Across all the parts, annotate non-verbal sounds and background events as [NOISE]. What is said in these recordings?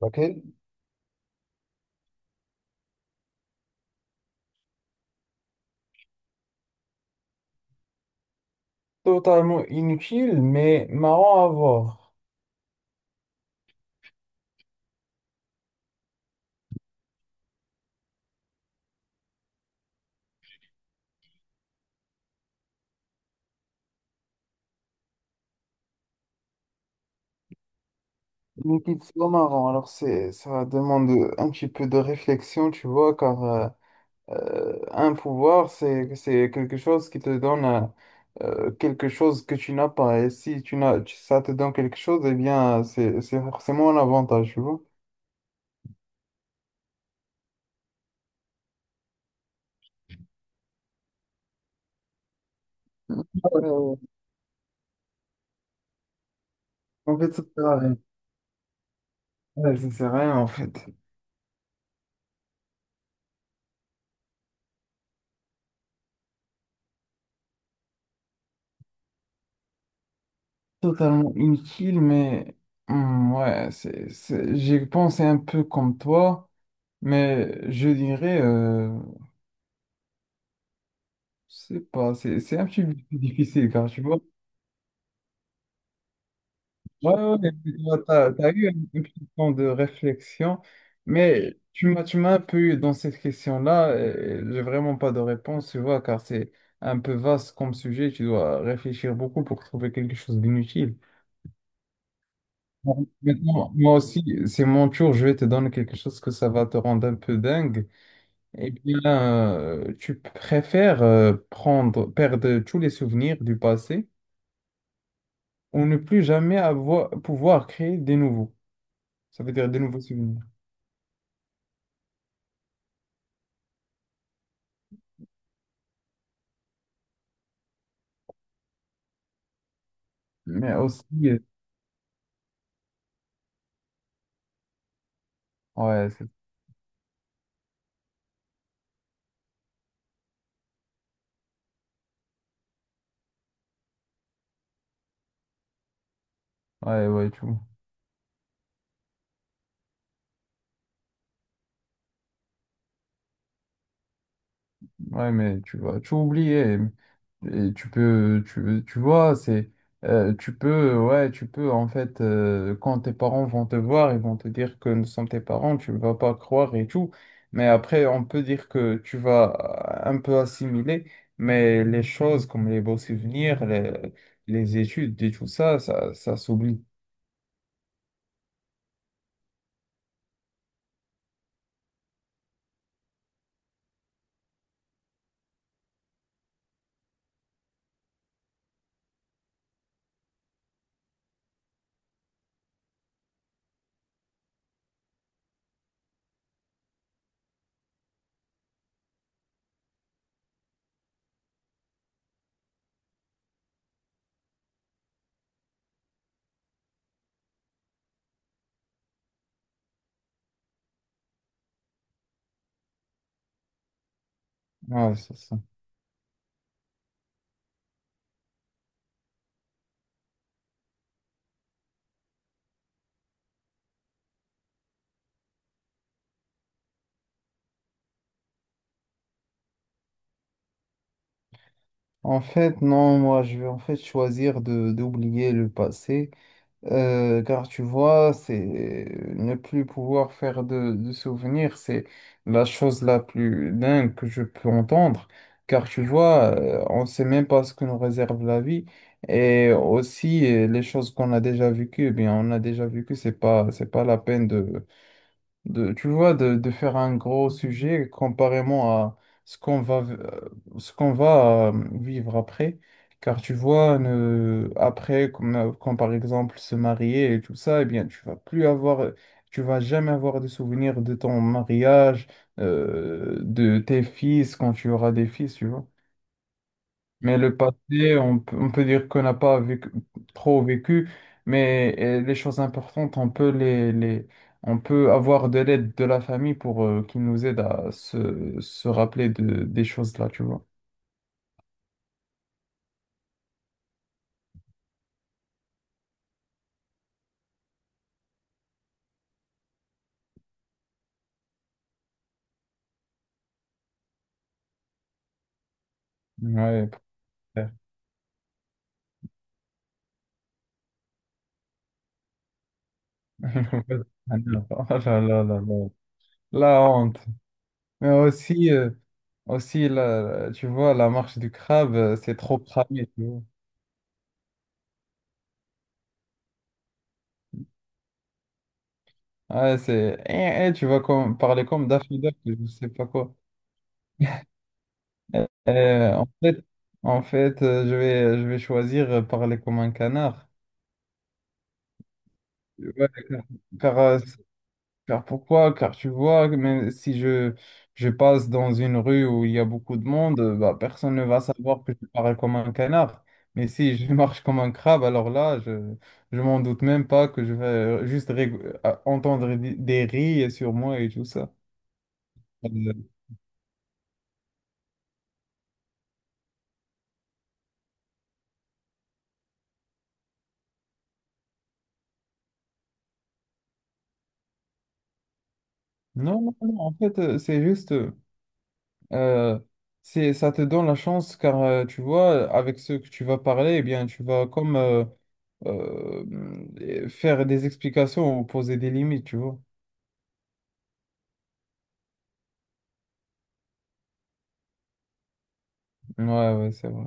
Ok, totalement inutile, mais marrant à voir. Inutile, c'est pas marrant. Alors, ça demande un petit peu de réflexion, tu vois, car un pouvoir, c'est quelque chose qui te donne quelque chose que tu n'as pas. Et si tu n'as, ça te donne quelque chose, eh bien, c'est forcément un avantage, tu vois. Ouais, ouais. En fait, ça sert à rien. Ouais, ça sert à rien, en fait. Totalement inutile, mais ouais, j'ai pensé un peu comme toi. Mais je dirais, c'est pas, c'est un petit peu difficile car tu vois, ouais, ouais, ouais, mais tu vois, t'as eu un petit temps de réflexion, mais tu m'as un peu eu dans cette question-là, et j'ai vraiment pas de réponse, tu vois, car c'est un peu vaste comme sujet, tu dois réfléchir beaucoup pour trouver quelque chose d'inutile. Bon, maintenant, moi aussi, c'est mon tour, je vais te donner quelque chose que ça va te rendre un peu dingue. Eh bien, tu préfères perdre tous les souvenirs du passé ou ne plus jamais pouvoir créer des nouveaux. Ça veut dire des nouveaux souvenirs. Mais aussi, ouais, ouais, ouais, tu vois. Ouais, mais tu vas tout oublier. Et tu peux, tu vois, tu peux, ouais, tu peux, en fait, quand tes parents vont te voir, ils vont te dire que nous sommes tes parents, tu ne vas pas croire et tout. Mais après, on peut dire que tu vas un peu assimiler, mais les choses comme les beaux souvenirs, les études et tout ça, ça s'oublie. Ouais, c'est ça. En fait, non, moi, je vais en fait choisir de d'oublier le passé. Car tu vois, c'est ne plus pouvoir faire de souvenirs, c'est la chose la plus dingue que je peux entendre. Car tu vois, on ne sait même pas ce que nous réserve la vie. Et aussi, les choses qu'on a déjà vécues, eh bien, on a déjà vécu, c'est pas la peine tu vois, de faire un gros sujet comparément à ce qu'on va, euh, ce qu'on va vivre après. Car tu vois, ne, après, quand par exemple se marier et tout ça, eh bien, tu vas plus avoir, tu vas jamais avoir de souvenirs de ton mariage, de tes fils quand tu auras des fils, tu vois. Mais le passé, on peut dire qu'on n'a pas vécu, trop vécu, mais les choses importantes, on peut avoir de l'aide de la famille pour qu'ils nous aident à se rappeler des choses-là, tu vois. Ouais, [LAUGHS] Ah non. Oh là là là là. La honte. Mais aussi, tu vois, la marche du crabe, c'est trop cramé, tu vois. Ouais, tu vas comme, parler comme Daffy Duck, je sais pas quoi. [LAUGHS] Euh, euh, en fait, en fait, je vais choisir parler comme un canard. Ouais, car, euh, Car pourquoi? Car tu vois, même si je passe dans une rue où il y a beaucoup de monde, bah, personne ne va savoir que je parle comme un canard. Mais si je [LAUGHS] marche comme un crabe, alors là, je m'en doute même pas que je vais entendre des rires sur moi et tout ça. Euh, Non, non, non, en fait, euh, ça te donne la chance car tu vois, avec ceux que tu vas parler, eh bien, tu vas comme euh, faire des explications ou poser des limites, tu vois. Ouais, ouais, c'est vrai.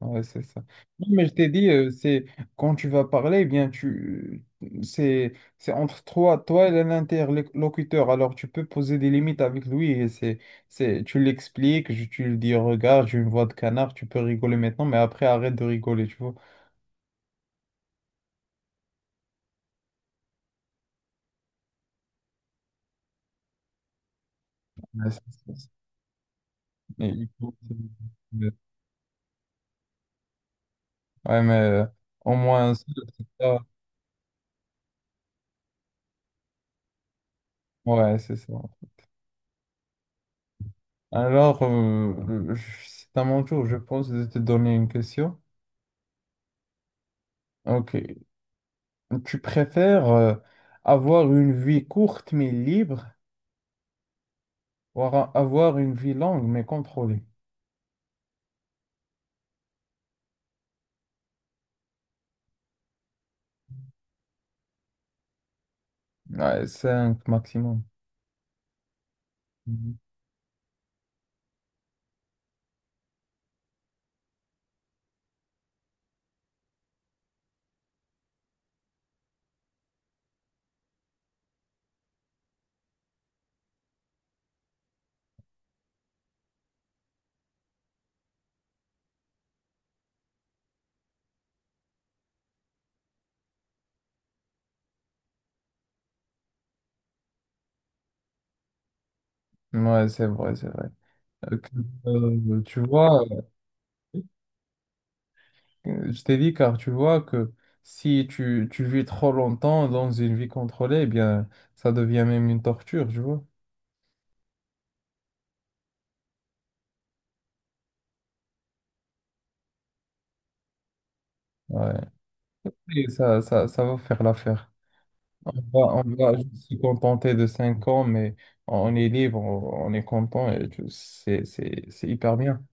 Ouais, c'est ça. Non, mais je t'ai dit, c'est quand tu vas parler, eh bien, tu c'est entre toi et l'interlocuteur. Alors, tu peux poser des limites avec lui et c'est tu l'expliques, tu lui dis, regarde, j'ai une voix de canard, tu peux rigoler maintenant, mais après, arrête de rigoler, tu vois. Ouais, c'est- c'est- mais il faut- Ouais, mais au moins, ça, c'est ça. Ouais, c'est ça. Alors, c'est à mon tour, je pense, de te donner une question. Ok. Tu préfères avoir une vie courte mais libre ou avoir une vie longue mais contrôlée? Ouais, cinq maximum. Mhm. Ouais, c'est vrai, c'est vrai. Euh, que- tu vois, je t'ai dit car tu vois que si tu vis trop longtemps dans une vie contrôlée, eh bien, ça devient même une torture, tu vois. Ouais. Et ça va faire l'affaire. On va se contenter de 5 ans, mais on est libre, on est content et c'est hyper bien.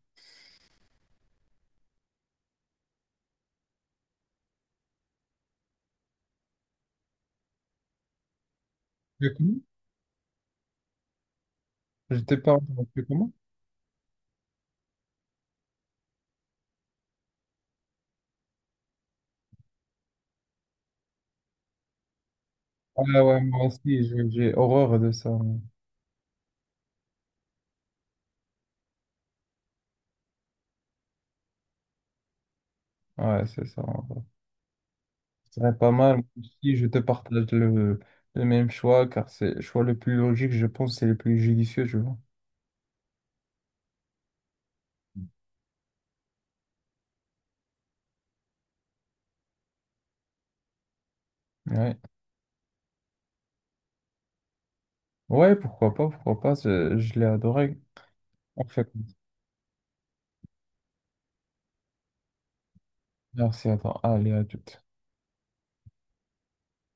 Mais comment? Je t'ai pas entendu comment? Ah ouais, moi aussi, j'ai horreur de ça. Ouais, c'est ça. Ce serait pas mal si je te partage le, même choix, car c'est le choix le plus logique, je pense, c'est le plus judicieux, je vois. Ouais. Ouais, pourquoi pas, je l'ai adoré. En fait, merci à toi. Allez, à toutes.